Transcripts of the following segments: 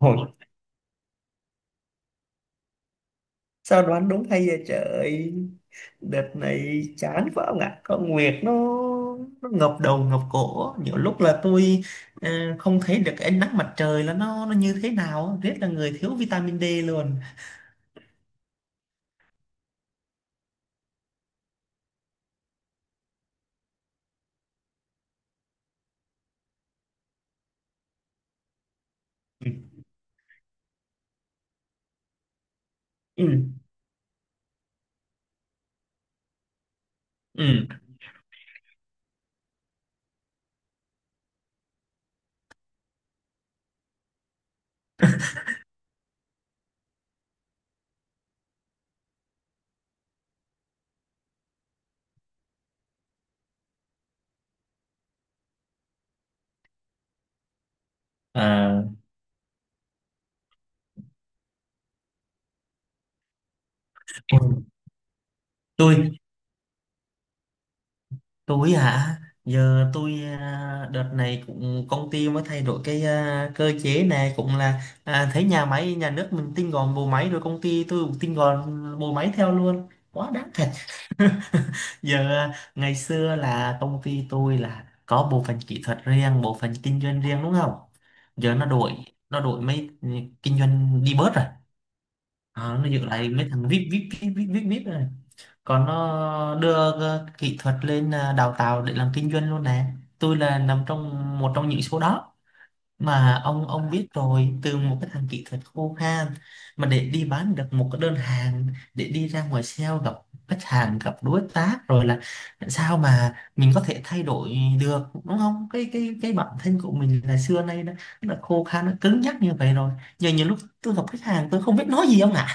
Ôi, sao đoán đúng hay vậy trời. Đợt này chán quá ông ạ, con Nguyệt nó ngập đầu ngập cổ, nhiều lúc là tôi ờ, không thấy được cái ánh nắng mặt trời, là nó như thế nào, rất là người thiếu vitamin D luôn. Ừ. Ừ. Ừ. À, ôi, tôi tôi hả? Giờ tôi đợt này cũng công ty mới thay đổi cái cơ chế này, cũng là thấy nhà máy nhà nước mình tinh gọn bộ máy, rồi công ty tôi cũng tinh gọn bộ máy theo luôn, quá đáng thật. Giờ ngày xưa là công ty tôi là có bộ phận kỹ thuật riêng, bộ phận kinh doanh riêng, đúng không? Giờ nó đổi, nó đổi mấy, kinh doanh đi bớt rồi. Đó, nó giữ lại mấy thằng vip vip vip vip vip vip rồi, còn nó đưa kỹ thuật lên đào tạo để làm kinh doanh luôn nè. Tôi là nằm trong một trong những số đó, mà ông biết rồi, từ một cái thằng kỹ thuật khô khan mà để đi bán được một cái đơn hàng, để đi ra ngoài sale gặp khách hàng, gặp đối tác, rồi là sao mà mình có thể thay đổi được đúng không, cái bản thân của mình là xưa nay nó là khô khan, nó cứng nhắc như vậy rồi. Giờ nhiều lúc tôi gặp khách hàng, tôi không biết nói gì ông ạ.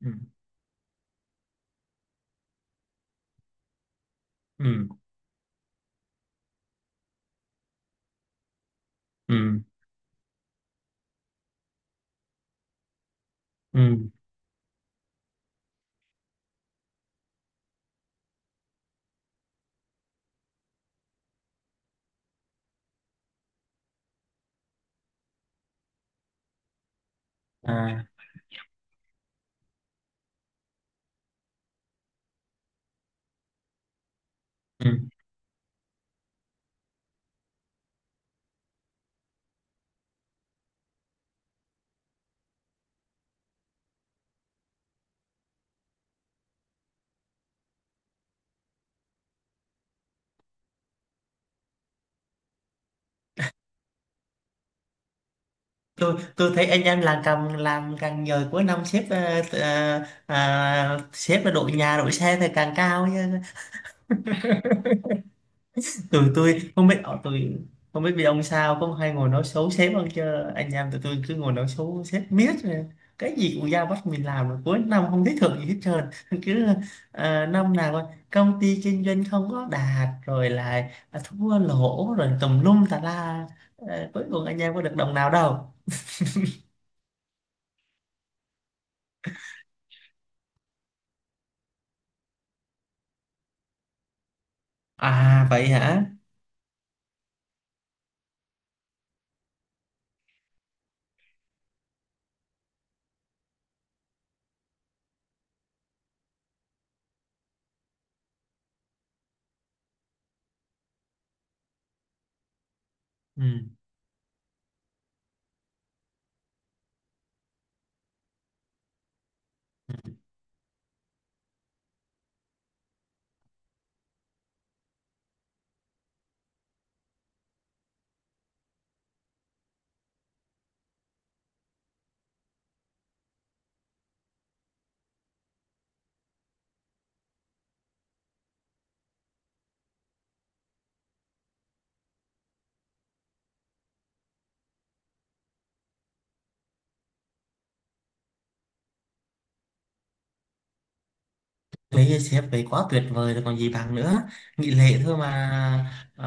Ừ. Ừ. Ừ. Ừ. À, ừ. Tôi thấy anh em làm càng nhờ cuối năm xếp sếp là đội nhà đội xe thì càng cao nha. Tụi tôi không biết tụi không biết vì ông sao cũng hay ngồi nói xấu sếp hơn chứ, anh em tụi tôi cứ ngồi nói xấu sếp miết rồi. Cái gì cũng giao bắt mình làm, rồi cuối năm không thấy thưởng gì hết trơn. Cứ năm nào coi, công ty kinh doanh không có đạt, rồi lại thua lỗ, rồi tùm lum tà la. Ờ, cuối cùng anh em có được đồng nào đâu. À vậy hả. Ừ. Với sếp đấy quá tuyệt vời rồi còn gì bằng nữa, nghị lệ thôi mà. À,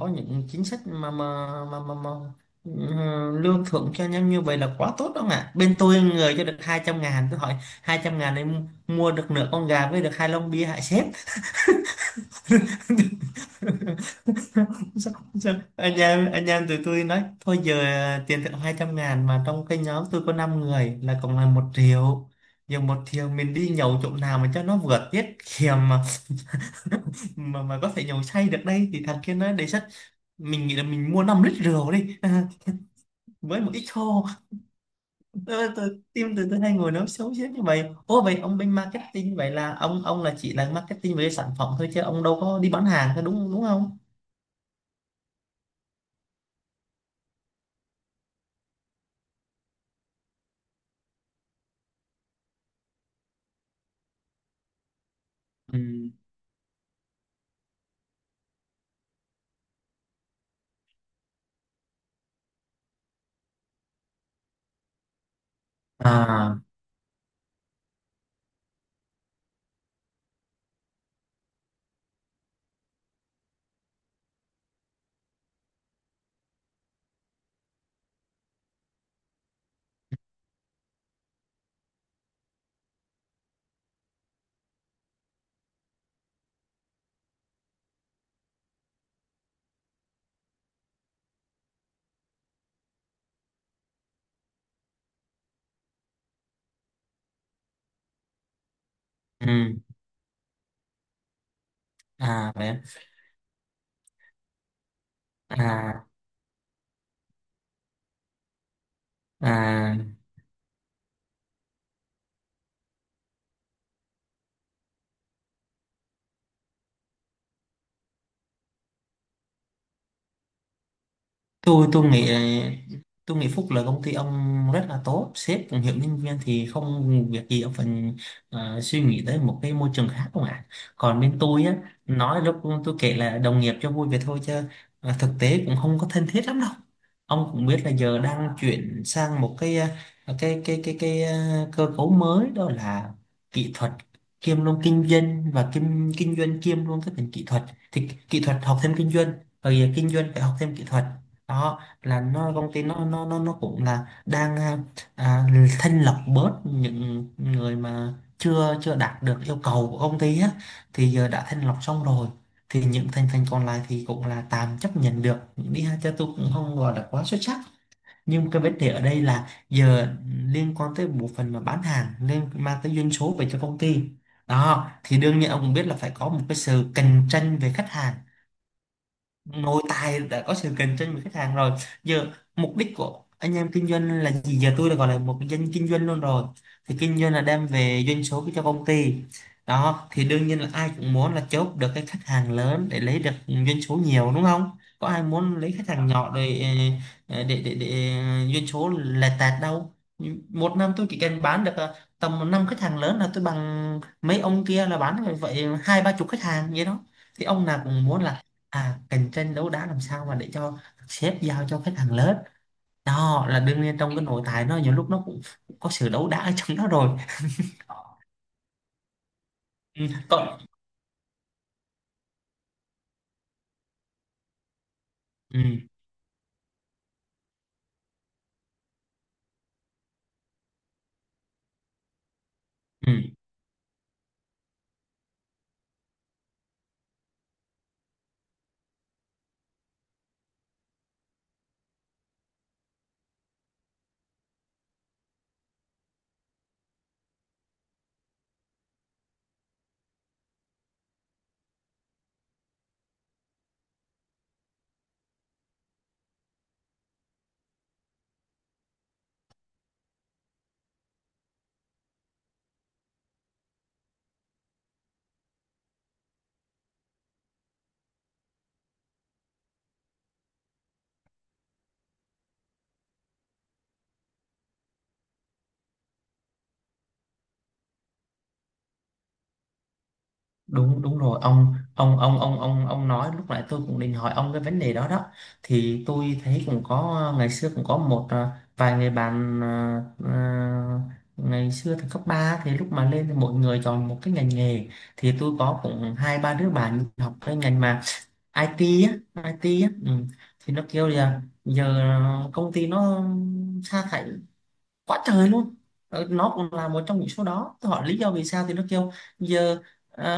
có những chính sách mà ừ, lương thưởng cho nhau như vậy là quá tốt đó ạ. Bên tôi người cho được 200.000, tôi hỏi 200.000 em mua được nửa con gà với được 2 lon bia hại sếp. Sao, sao, anh em tụi tôi nói thôi giờ tiền thưởng 200.000 mà trong cái nhóm tôi có 5 người là cộng là 1.000.000. Giờ 1.000.000 mình đi nhậu chỗ nào mà cho nó vừa tiết kiệm mà có thể nhậu say được đây, thì thằng kia nó đề xuất mình nghĩ là mình mua 5 lít rượu đi, à, với một ít khô. Ờ, tự, tim từ từ hai người nó xấu xí như vậy. Ô vậy ông bên marketing vậy là ông là chỉ là marketing về sản phẩm thôi chứ ông đâu có đi bán hàng thôi, đúng đúng không? Ừ. À. Ừ. À vậy. À. À. Tôi nghĩ, tôi nghĩ Phúc là công ty ông rất là tốt, sếp cũng hiểu nhân viên thì không việc gì ông phải suy nghĩ tới một cái môi trường khác không ạ. Còn bên tôi á, nói lúc tôi kể là đồng nghiệp cho vui vậy thôi chứ thực tế cũng không có thân thiết lắm đâu. Ông cũng biết là giờ đang chuyển sang một cái cơ cấu mới. Đó là kỹ thuật kiêm luôn kinh doanh, và kiêm kinh doanh kiêm luôn cái ngành kỹ thuật, thì kỹ thuật học thêm kinh doanh, rồi kinh doanh phải học thêm kỹ thuật. Đó là nó công ty nó cũng là đang à, thanh lọc bớt những người mà chưa chưa đạt được yêu cầu của công ty á. Thì giờ đã thanh lọc xong rồi, thì những thành phần còn lại thì cũng là tạm chấp nhận được đi ha, cho tôi cũng không gọi là quá xuất sắc. Nhưng cái vấn đề ở đây là giờ liên quan tới bộ phận mà bán hàng nên mang tới doanh số về cho công ty. Đó thì đương nhiên ông cũng biết là phải có một cái sự cạnh tranh về khách hàng. Nội tại đã có sự cạnh tranh với khách hàng rồi, giờ mục đích của anh em kinh doanh là gì, giờ tôi đã gọi là một cái doanh kinh doanh luôn rồi, thì kinh doanh là đem về doanh số cho công ty. Đó thì đương nhiên là ai cũng muốn là chốt được cái khách hàng lớn để lấy được doanh số nhiều đúng không, có ai muốn lấy khách hàng nhỏ để để doanh số lẹt tẹt đâu. Một năm tôi chỉ cần bán được tầm 5 khách hàng lớn là tôi bằng mấy ông kia là bán vậy 2 3 chục khách hàng vậy đó. Thì ông nào cũng muốn là cạnh tranh đấu đá làm sao mà để cho sếp giao cho khách hàng lớn. Đó là đương nhiên trong cái nội tại nó nhiều lúc nó cũng có sự đấu đá ở trong đó rồi. Ừ, còn. Ừ. Ừ. Đúng đúng rồi, ông nói lúc nãy tôi cũng định hỏi ông cái vấn đề đó đó. Thì tôi thấy cũng có, ngày xưa cũng có một vài người bạn ngày xưa thì cấp 3 thì lúc mà lên thì mỗi người chọn một cái ngành nghề, thì tôi có cũng 2 3 đứa bạn học cái ngành mà IT á, IT á. Ừ. Thì nó kêu là giờ công ty nó sa thải quá trời luôn. Ờ, nó cũng là một trong những số đó, tôi hỏi lý do vì sao thì nó kêu giờ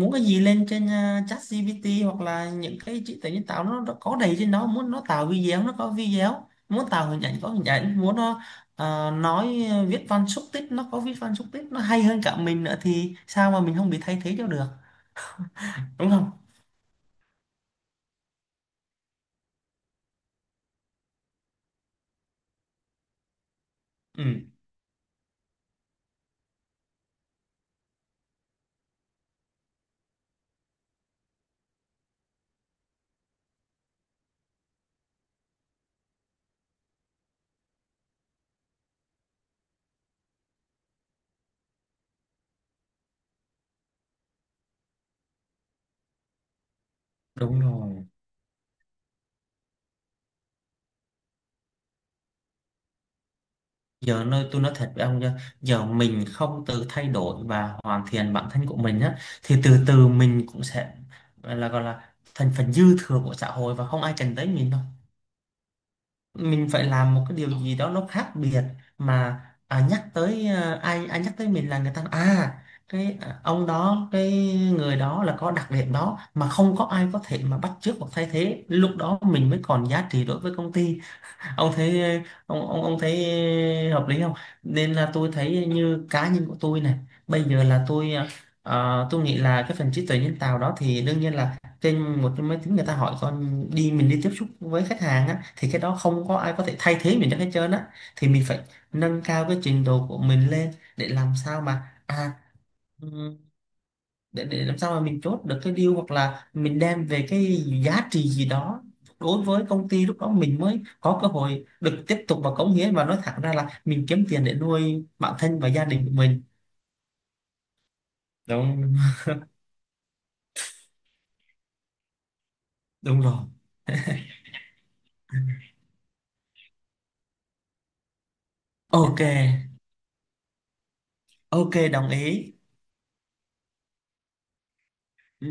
muốn cái gì lên trên ChatGPT hoặc là những cái trí tuệ nhân tạo nó có đầy trên đó, muốn nó tạo video nó có video, muốn tạo hình ảnh có hình ảnh, muốn nó nói viết văn xúc tích nó có viết văn xúc tích, nó hay hơn cả mình nữa thì sao mà mình không bị thay thế cho được, đúng không? Ừ. Đúng rồi, giờ nơi tôi nói thật với ông nha, giờ mình không tự thay đổi và hoàn thiện bản thân của mình á, thì từ từ mình cũng sẽ là gọi là thành phần dư thừa của xã hội và không ai cần tới mình đâu. Mình phải làm một cái điều gì đó nó khác biệt mà. À, nhắc tới, à, ai ai nhắc tới mình là người ta, à, cái, à, ông đó cái người đó là có đặc điểm đó mà không có ai có thể mà bắt chước hoặc thay thế, lúc đó mình mới còn giá trị đối với công ty. Ông thấy, ông thấy hợp lý không? Nên là tôi thấy như cá nhân của tôi này, bây giờ là tôi tôi nghĩ là cái phần trí tuệ nhân tạo đó thì đương nhiên là trên một cái máy tính người ta hỏi con đi, mình đi tiếp xúc với khách hàng á thì cái đó không có ai có thể thay thế mình được hết trơn á. Thì mình phải nâng cao cái trình độ của mình lên để làm sao mà, à, để làm sao mà mình chốt được cái deal hoặc là mình đem về cái giá trị gì đó đối với công ty, lúc đó mình mới có cơ hội được tiếp tục và cống hiến, và nói thẳng ra là mình kiếm tiền để nuôi bản thân và gia đình của mình. Đúng đúng rồi. OK. OK đồng ý. Ừ.